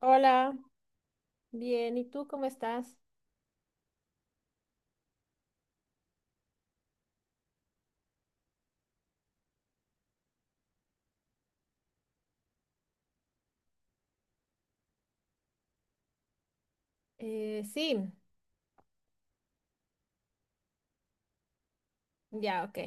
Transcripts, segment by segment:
Hola, bien, ¿y tú cómo estás? Sí, ya, ok.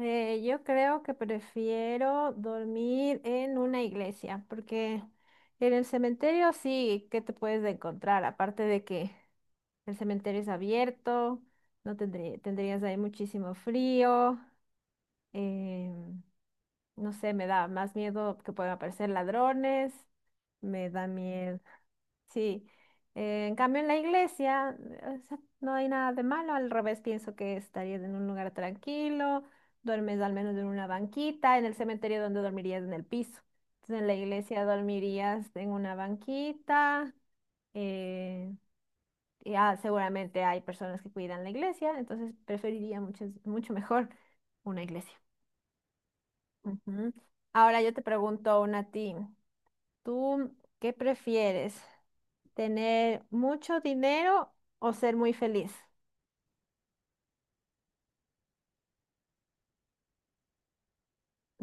Yo creo que prefiero dormir en una iglesia, porque en el cementerio sí, ¿qué te puedes encontrar? Aparte de que el cementerio es abierto, no tendrí- tendrías ahí muchísimo frío, eh, no sé, me da más miedo que puedan aparecer ladrones, me da miedo. Sí, en cambio en la iglesia, o sea, no hay nada de malo, al revés pienso que estarías en un lugar tranquilo, duermes al menos en una banquita, en el cementerio donde dormirías en el piso. Entonces en la iglesia dormirías en una banquita, eh, y, ah, seguramente hay personas que cuidan la iglesia, entonces preferiría mucho, mucho mejor una iglesia. Ujú. Ahora yo te pregunto una a ti. ¿Tú qué prefieres? ¿Tener mucho dinero o ser muy feliz?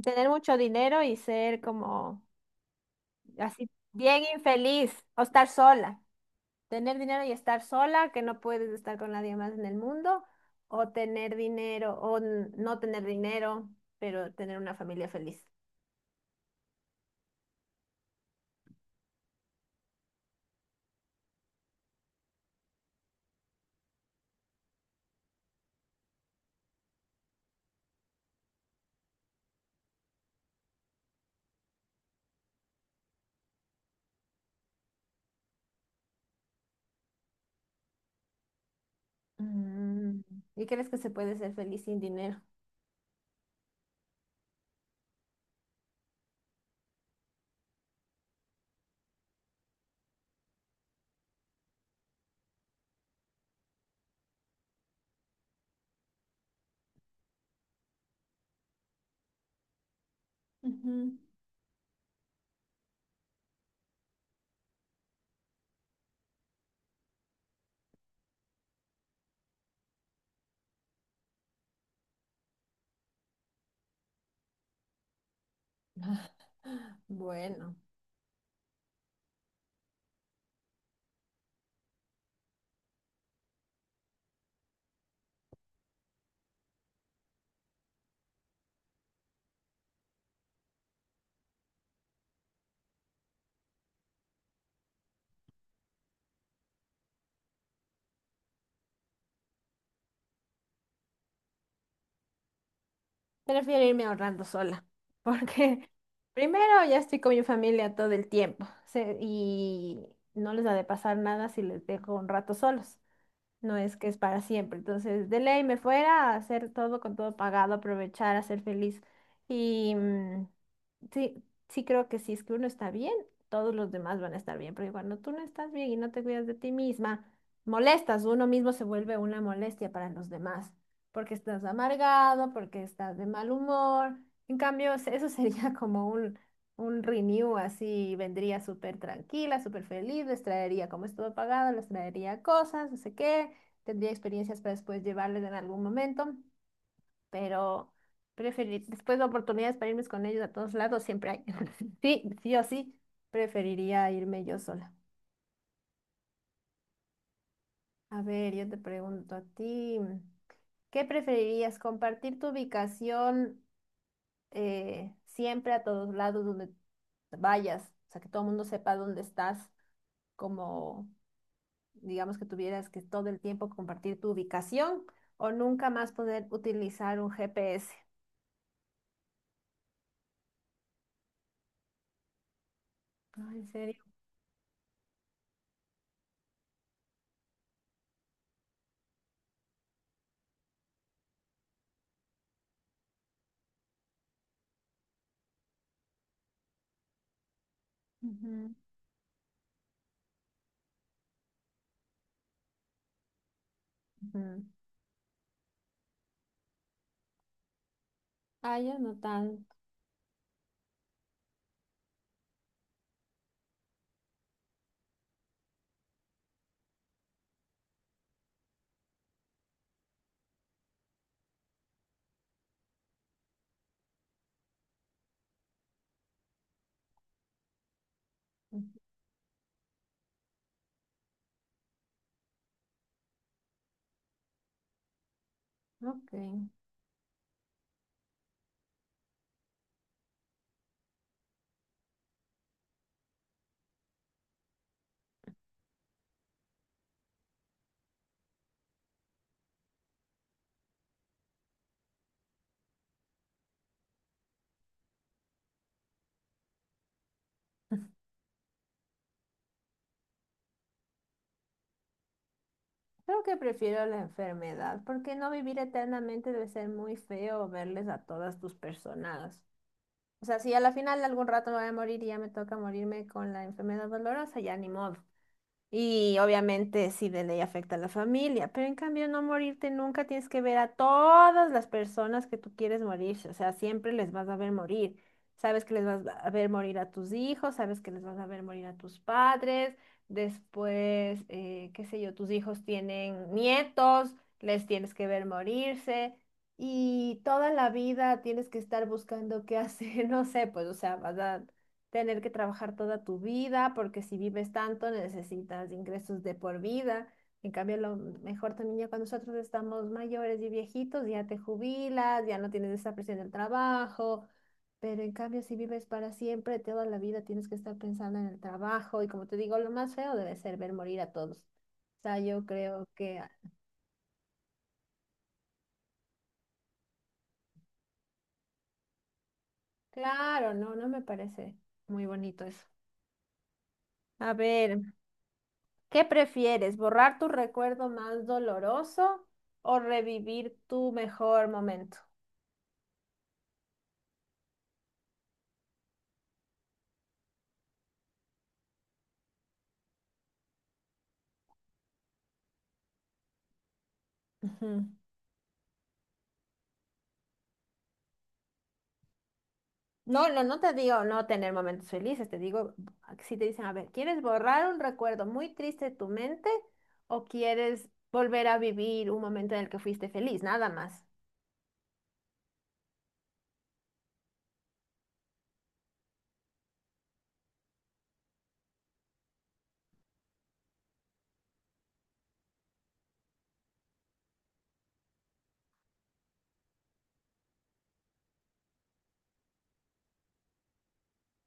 Tener mucho dinero y ser como así bien infeliz o estar sola. Tener dinero y estar sola, que no puedes estar con nadie más en el mundo, o tener dinero o no tener dinero, pero tener una familia feliz. Mm, ¿y crees que se puede ser feliz sin dinero? Ujú. Bueno. Prefiero irme ahorrando sola, porque primero ya estoy con mi familia todo el tiempo y no les ha de pasar nada si les dejo un rato solos, no es que es para siempre. Entonces, de ley me fuera a hacer todo con todo pagado, aprovechar, a ser feliz. Y mm, sí, sí creo que si es que uno está bien, todos los demás van a estar bien. Porque cuando tú no estás bien y no te cuidas de ti misma, molestas, uno mismo se vuelve una molestia para los demás. Porque estás amargado, porque estás de mal humor. En cambio, eso sería como un renew así, vendría súper tranquila, súper feliz, les traería, como es todo pagado, les traería cosas, no sé qué, tendría experiencias para después llevarles en algún momento, pero preferir, después de oportunidades para irme con ellos a todos lados siempre hay. Sí, sí o sí, preferiría irme yo sola. A ver, yo te pregunto a ti, ¿qué preferirías? ¿Compartir tu ubicación, siempre a todos lados donde vayas? O sea, que todo el mundo sepa dónde estás, como, digamos que tuvieras que todo el tiempo compartir tu ubicación o nunca más poder utilizar un GPS. Ah, ¿en serio? Ujú, ujú. Ah, yo no tanto. Ujú. Ok. Creo que prefiero la enfermedad, porque no vivir eternamente debe ser muy feo verles a todas tus personas. O sea, si a la final algún rato me voy a morir y ya me toca morirme con la enfermedad dolorosa, ya ni modo. Y obviamente sí de ley afecta a la familia, pero en cambio no morirte nunca tienes que ver a todas las personas que tú quieres morirse, o sea, siempre les vas a ver morir. Sabes que les vas a ver morir a tus hijos, sabes que les vas a ver morir a tus padres, después, qué sé yo, tus hijos tienen nietos, les tienes que ver morirse y toda la vida tienes que estar buscando qué hacer, no sé, pues, o sea, vas a tener que trabajar toda tu vida, porque si vives tanto necesitas ingresos de por vida. En cambio, lo mejor también ya cuando nosotros estamos mayores y viejitos, ya te jubilas, ya no tienes esa presión del trabajo, pero en cambio si vives para siempre, toda la vida tienes que estar pensando en el trabajo y como te digo, lo más feo debe ser ver morir a todos. O sea, yo creo que, claro, no, no me parece muy bonito eso. A ver. ¿Qué prefieres, borrar tu recuerdo más doloroso o revivir tu mejor momento? Ujú. No, no, no te digo no tener momentos felices, te digo, si te dicen, a ver, ¿quieres borrar un recuerdo muy triste de tu mente o quieres volver a vivir un momento en el que fuiste feliz? Nada más.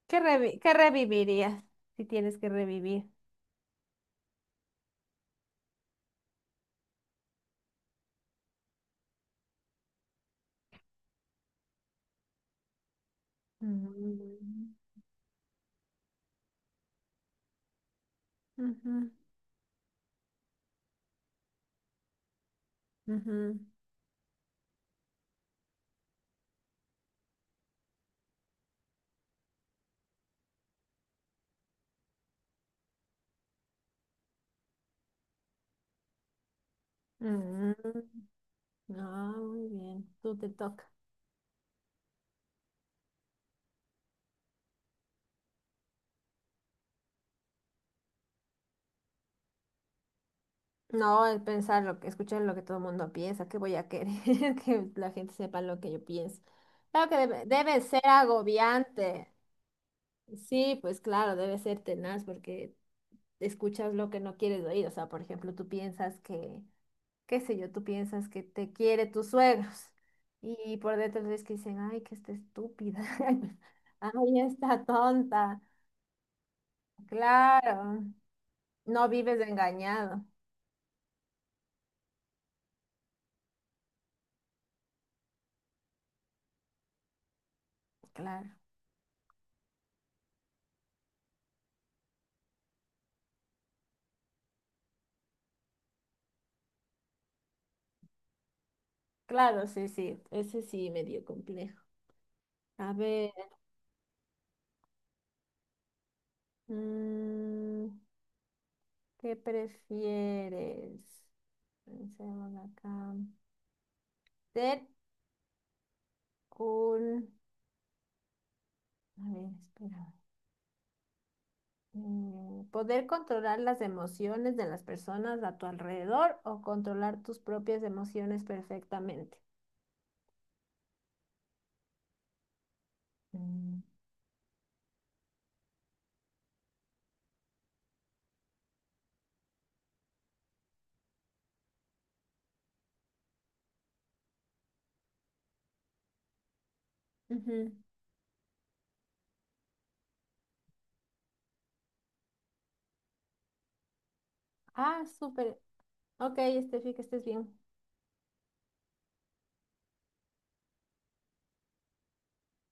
¿Qué revivirías si tienes que revivir? Mm, ujú, ujú, mm. Ah, muy bien, tú te toca. No, el pensar lo que, escuchar lo que todo el mundo piensa, ¿qué voy a querer que la gente sepa lo que yo pienso? Claro que debe, debe ser agobiante. Sí, pues claro, debe ser tenaz porque escuchas lo que no quieres oír. O sea, por ejemplo, tú piensas que, qué sé yo, tú piensas que te quiere tus suegros y por dentro ves que dicen, ay, que está estúpida, ay, está tonta. Claro, no vives engañado. Claro, claro, sí, sí, ese sí medio complejo. A ver, mm, ¿qué prefieres? Pensemos acá. Ser un... A ver, espera. Mm, ¿poder controlar las emociones de las personas a tu alrededor o controlar tus propias emociones perfectamente? Mm. Ujú. Ah, súper. Ok, Estefi, que estés bien.